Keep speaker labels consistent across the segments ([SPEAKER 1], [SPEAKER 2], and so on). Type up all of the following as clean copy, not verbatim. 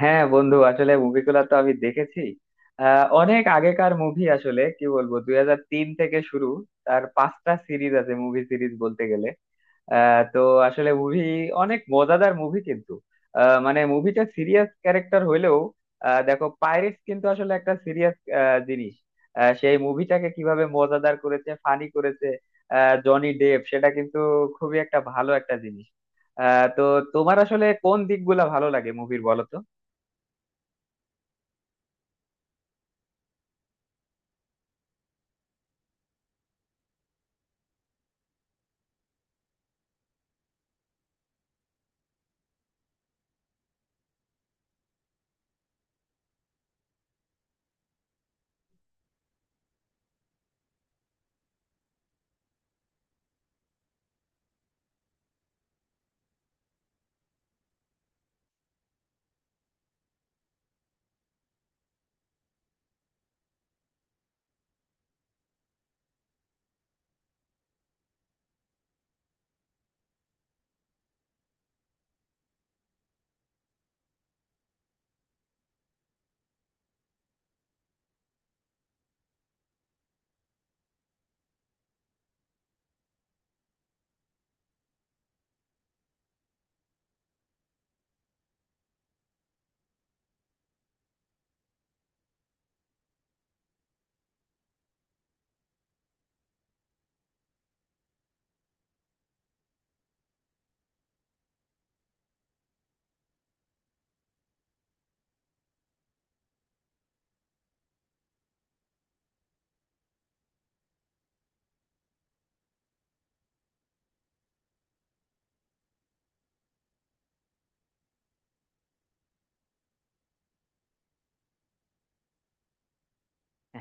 [SPEAKER 1] হ্যাঁ বন্ধু, আসলে মুভিগুলো তো আমি দেখেছি। অনেক আগেকার মুভি, আসলে কি বলবো, 2003 থেকে শুরু। তার পাঁচটা সিরিজ আছে, মুভি সিরিজ বলতে গেলে। তো আসলে মুভি অনেক মজাদার মুভি কিন্তু। মানে মুভিটা সিরিয়াস ক্যারেক্টার হইলেও, দেখো পাইরেটস কিন্তু আসলে একটা সিরিয়াস জিনিস। সেই মুভিটাকে কিভাবে মজাদার করেছে, ফানি করেছে জনি ডেভ, সেটা কিন্তু খুবই একটা ভালো একটা জিনিস। তো তোমার আসলে কোন দিকগুলা ভালো লাগে মুভির, বলো তো?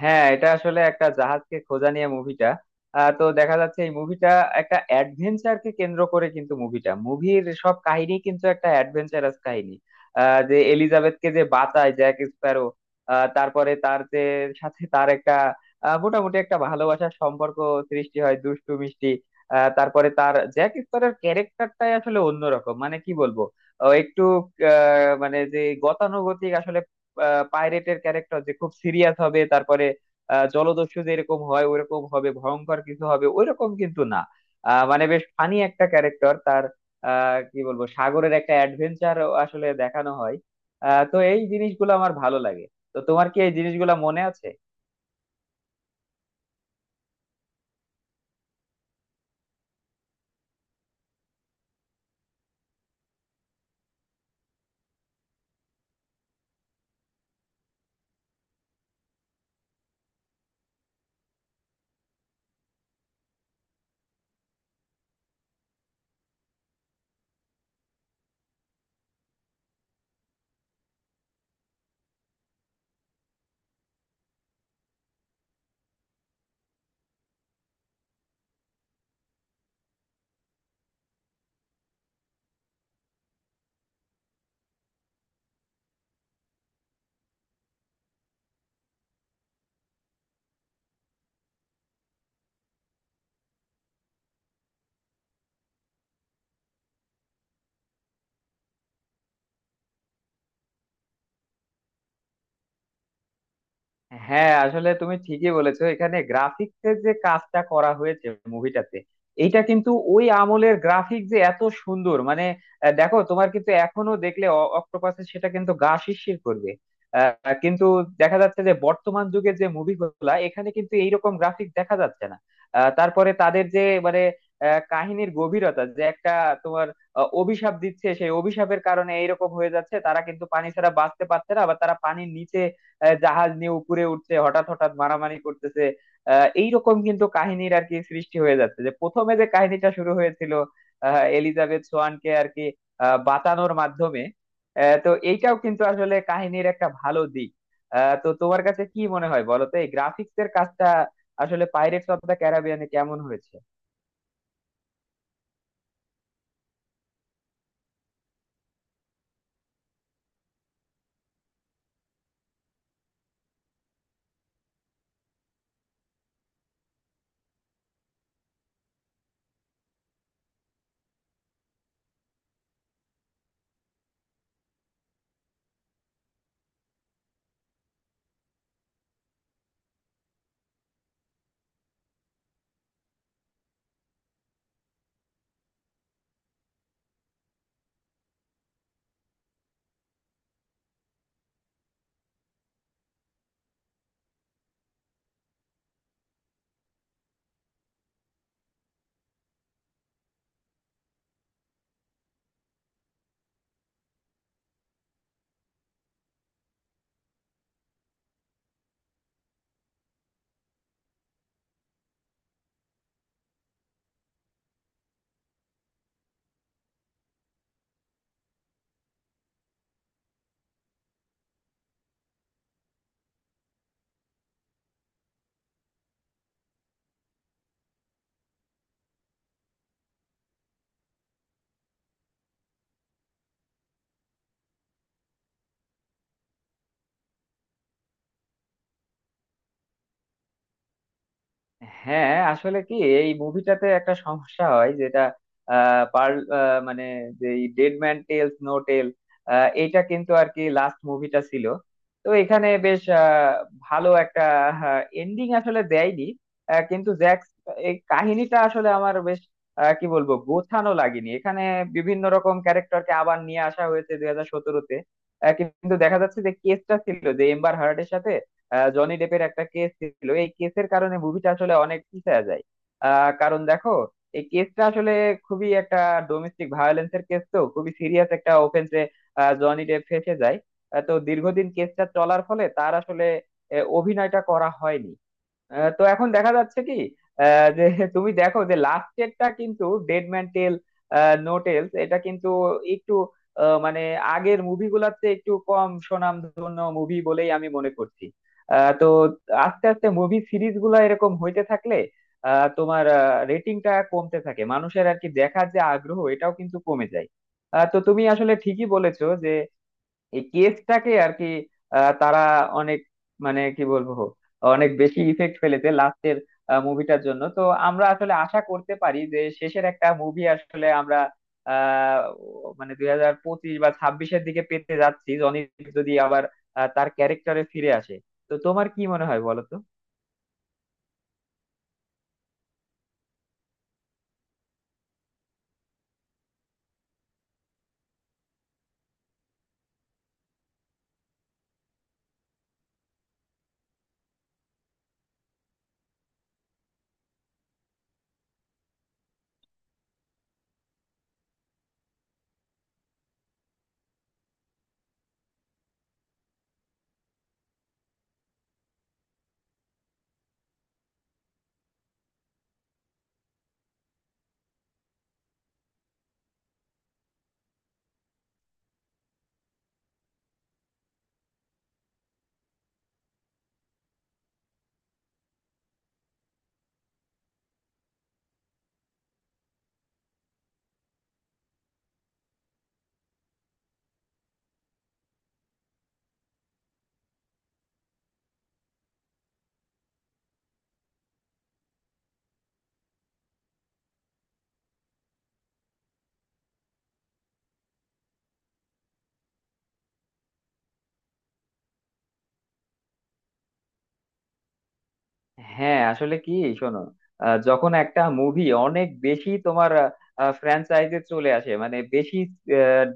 [SPEAKER 1] হ্যাঁ, এটা আসলে একটা জাহাজকে খোঁজা নিয়ে মুভিটা। তো দেখা যাচ্ছে এই মুভিটা একটা অ্যাডভেঞ্চারকে কেন্দ্র করে, কিন্তু মুভিটা, মুভির সব কাহিনী কিন্তু একটা অ্যাডভেঞ্চারাস কাহিনী। যে এলিজাবেথকে যে বাঁচায় জ্যাক স্প্যারো, তারপরে তার যে সাথে তার একটা মোটামুটি একটা ভালোবাসার সম্পর্ক সৃষ্টি হয়, দুষ্টু মিষ্টি। তারপরে তার জ্যাক স্প্যারোর ক্যারেক্টারটাই আসলে অন্যরকম, মানে কি বলবো, ও একটু মানে যে গতানুগতিক আসলে পাইরেটের ক্যারেক্টার যে খুব সিরিয়াস হবে, তারপরে জলদস্যু যেরকম হয় ওরকম হবে, ভয়ঙ্কর কিছু হবে ওইরকম কিন্তু না। মানে বেশ ফানি একটা ক্যারেক্টার তার। কি বলবো, সাগরের একটা অ্যাডভেঞ্চার আসলে দেখানো হয়। তো এই জিনিসগুলো আমার ভালো লাগে। তো তোমার কি এই জিনিসগুলো মনে আছে? হ্যাঁ, আসলে তুমি ঠিকই বলেছো, এখানে গ্রাফিক্সের যে কাজটা করা হয়েছে মুভিটাতে, এইটা কিন্তু ওই আমলের গ্রাফিক যে এত সুন্দর, মানে দেখো তোমার কিন্তু এখনো দেখলে অক্টোপাসে সেটা কিন্তু গা শিরশির করবে। কিন্তু দেখা যাচ্ছে যে বর্তমান যুগের যে মুভিগুলা এখানে কিন্তু এইরকম গ্রাফিক দেখা যাচ্ছে না। তারপরে তাদের যে মানে কাহিনীর গভীরতা যে একটা তোমার অভিশাপ দিচ্ছে, সেই অভিশাপের কারণে এইরকম হয়ে যাচ্ছে, তারা কিন্তু পানি ছাড়া বাঁচতে পারছে না, আবার তারা পানির নিচে জাহাজ নিয়ে উপরে উঠছে, হঠাৎ হঠাৎ মারামারি করতেছে। এইরকম কিন্তু কাহিনীর আর কি সৃষ্টি হয়ে যাচ্ছে, যে প্রথমে যে কাহিনীটা শুরু হয়েছিল এলিজাবেথ সোয়ানকে আর কি বাঁচানোর মাধ্যমে। তো এইটাও কিন্তু আসলে কাহিনীর একটা ভালো দিক। তো তোমার কাছে কি মনে হয় বলো তো, এই গ্রাফিক্স এর কাজটা আসলে পাইরেটস অফ দ্য ক্যারিবিয়ানে কেমন হয়েছে? হ্যাঁ, আসলে কি এই মুভিটাতে একটা সমস্যা হয়, যেটা পার্ল মানে যে Dead Man Tells No Tale, এইটা কিন্তু আর কি লাস্ট মুভিটা ছিল। তো এখানে বেশ ভালো একটা এন্ডিং আসলে দেয়নি। কিন্তু জ্যাক্স এই কাহিনীটা আসলে আমার বেশ কি বলবো, গোছানো লাগেনি এখানে। বিভিন্ন রকম ক্যারেক্টারকে আবার নিয়ে আসা হয়েছে 2017-তে, কিন্তু দেখা যাচ্ছে যে কেসটা ছিল যে এম্বার হার্ডের সাথে জনি ডেপের একটা কেস ছিল। এই কেসের কারণে মুভিটা আসলে অনেক পিছিয়ে যায়। কারণ দেখো, এই কেসটা আসলে খুবই একটা ডোমেস্টিক ভায়োলেন্স এর কেস, তো খুবই সিরিয়াস একটা অফেন্সে জনি ডেপ ফেঁসে যায়। তো দীর্ঘদিন কেসটা চলার ফলে তার আসলে অভিনয়টা করা হয়নি। তো এখন দেখা যাচ্ছে কি, যে তুমি দেখো যে লাস্ট এরটা কিন্তু Dead Man Tell No Tales এটা কিন্তু একটু মানে আগের মুভিগুলোর চেয়ে একটু কম সুনামধন্য মুভি বলেই আমি মনে করছি। তো আস্তে আস্তে মুভি সিরিজ গুলা এরকম হইতে থাকলে তোমার রেটিংটা কমতে থাকে, মানুষের আর কি দেখার যে আগ্রহ এটাও কিন্তু কমে যায়। তো তুমি আসলে ঠিকই বলেছো যে এই কেসটাকে আর কি তারা অনেক, মানে কি বলবো, অনেক বেশি ইফেক্ট ফেলেছে লাস্টের মুভিটার জন্য। তো আমরা আসলে আশা করতে পারি যে শেষের একটা মুভি আসলে আমরা আহ মানে 2025 বা 26-এর দিকে পেতে যাচ্ছি, জনি যদি আবার তার ক্যারেক্টারে ফিরে আসে। তো তোমার কি মনে হয় বলো তো? হ্যাঁ আসলে কি, শোনো যখন একটা মুভি অনেক বেশি তোমার ফ্র্যাঞ্চাইজে চলে আসে, মানে বেশি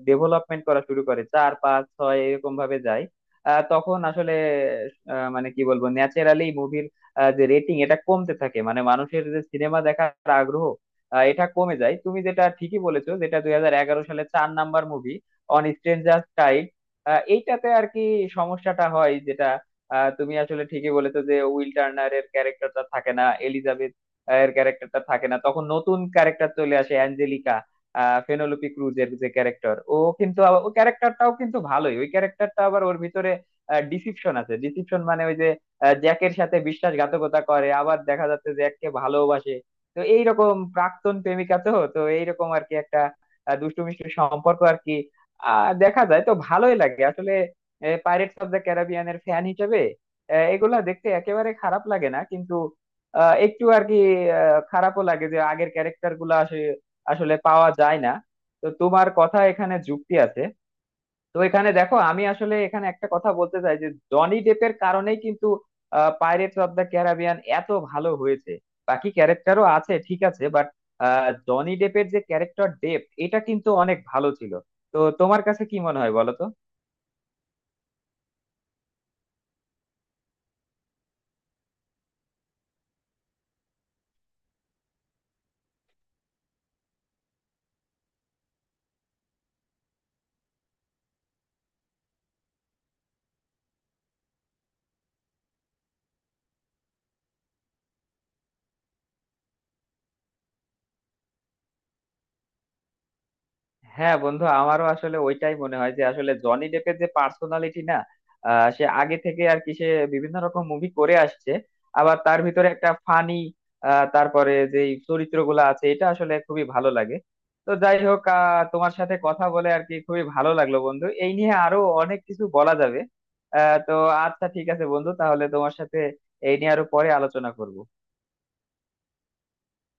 [SPEAKER 1] ডেভেলপমেন্ট করা শুরু করে, চার পাঁচ ছয় এরকম ভাবে যায়, তখন আসলে মানে কি বলবো, ন্যাচারালি মুভির যে রেটিং এটা কমতে থাকে, মানে মানুষের যে সিনেমা দেখার আগ্রহ এটা কমে যায়। তুমি যেটা ঠিকই বলেছো, যেটা 2011 সালে চার number movie on stranger type এইটাতে আর কি সমস্যাটা হয়, যেটা তুমি আসলে ঠিকই বলেছো যে উইল টার্নারের ক্যারেক্টারটা থাকে না, এলিজাবেথ এর ক্যারেক্টারটা থাকে না, তখন নতুন ক্যারেক্টার চলে আসে অ্যাঞ্জেলিকা। ফেনোলোপি ক্রুজের যে ক্যারেক্টার, ও কিন্তু আবার- ও ক্যারেক্টারটাও কিন্তু ভালোই। ওই ক্যারেক্টারটা আবার ওর ভিতরে ডিসিপশন আছে, ডিসিপশন মানে ওই যে জ্যাকের সাথে বিশ্বাসঘাতকতা করে, আবার দেখা যাচ্ছে জ্যাককে ভালোবাসে। তো এইরকম প্রাক্তন প্রেমিকা, তো তো এইরকম আর কি একটা দুষ্টু মিষ্টি সম্পর্ক আর কি দেখা যায় তো ভালোই লাগে আসলে পাইরেটস অফ দ্য ক্যারিবিয়ানের ফ্যান হিসেবে। এগুলা দেখতে একেবারে খারাপ লাগে না কিন্তু একটু আর কি খারাপও লাগে যে আগের ক্যারেক্টার গুলা আসে- আসলে পাওয়া যায় না। তো তোমার কথা এখানে যুক্তি আছে। তো এখানে দেখো, আমি আসলে এখানে একটা কথা বলতে চাই, যে জনি ডেপের কারণেই কিন্তু পাইরেটস অফ দ্য ক্যারিবিয়ান এত ভালো হয়েছে। বাকি ক্যারেক্টারও আছে ঠিক আছে, বাট জনি ডেপের যে ক্যারেক্টার ডেপ, এটা কিন্তু অনেক ভালো ছিল। তো তোমার কাছে কি মনে হয় বলো তো? হ্যাঁ বন্ধু, আমারও আসলে ওইটাই মনে হয় যে আসলে জনি ডেপের যে পার্সোনালিটি না সে আগে থেকে আর কি, সে বিভিন্ন রকম মুভি করে আসছে। আবার তার ভিতরে একটা ফানি, তারপরে যে চরিত্রগুলো আছে এটা আসলে খুবই ভালো লাগে। তো যাই হোক, তোমার সাথে কথা বলে আর কি খুবই ভালো লাগলো বন্ধু। এই নিয়ে আরো অনেক কিছু বলা যাবে। তো আচ্ছা, ঠিক আছে বন্ধু, তাহলে তোমার সাথে এই নিয়ে আরো পরে আলোচনা করব।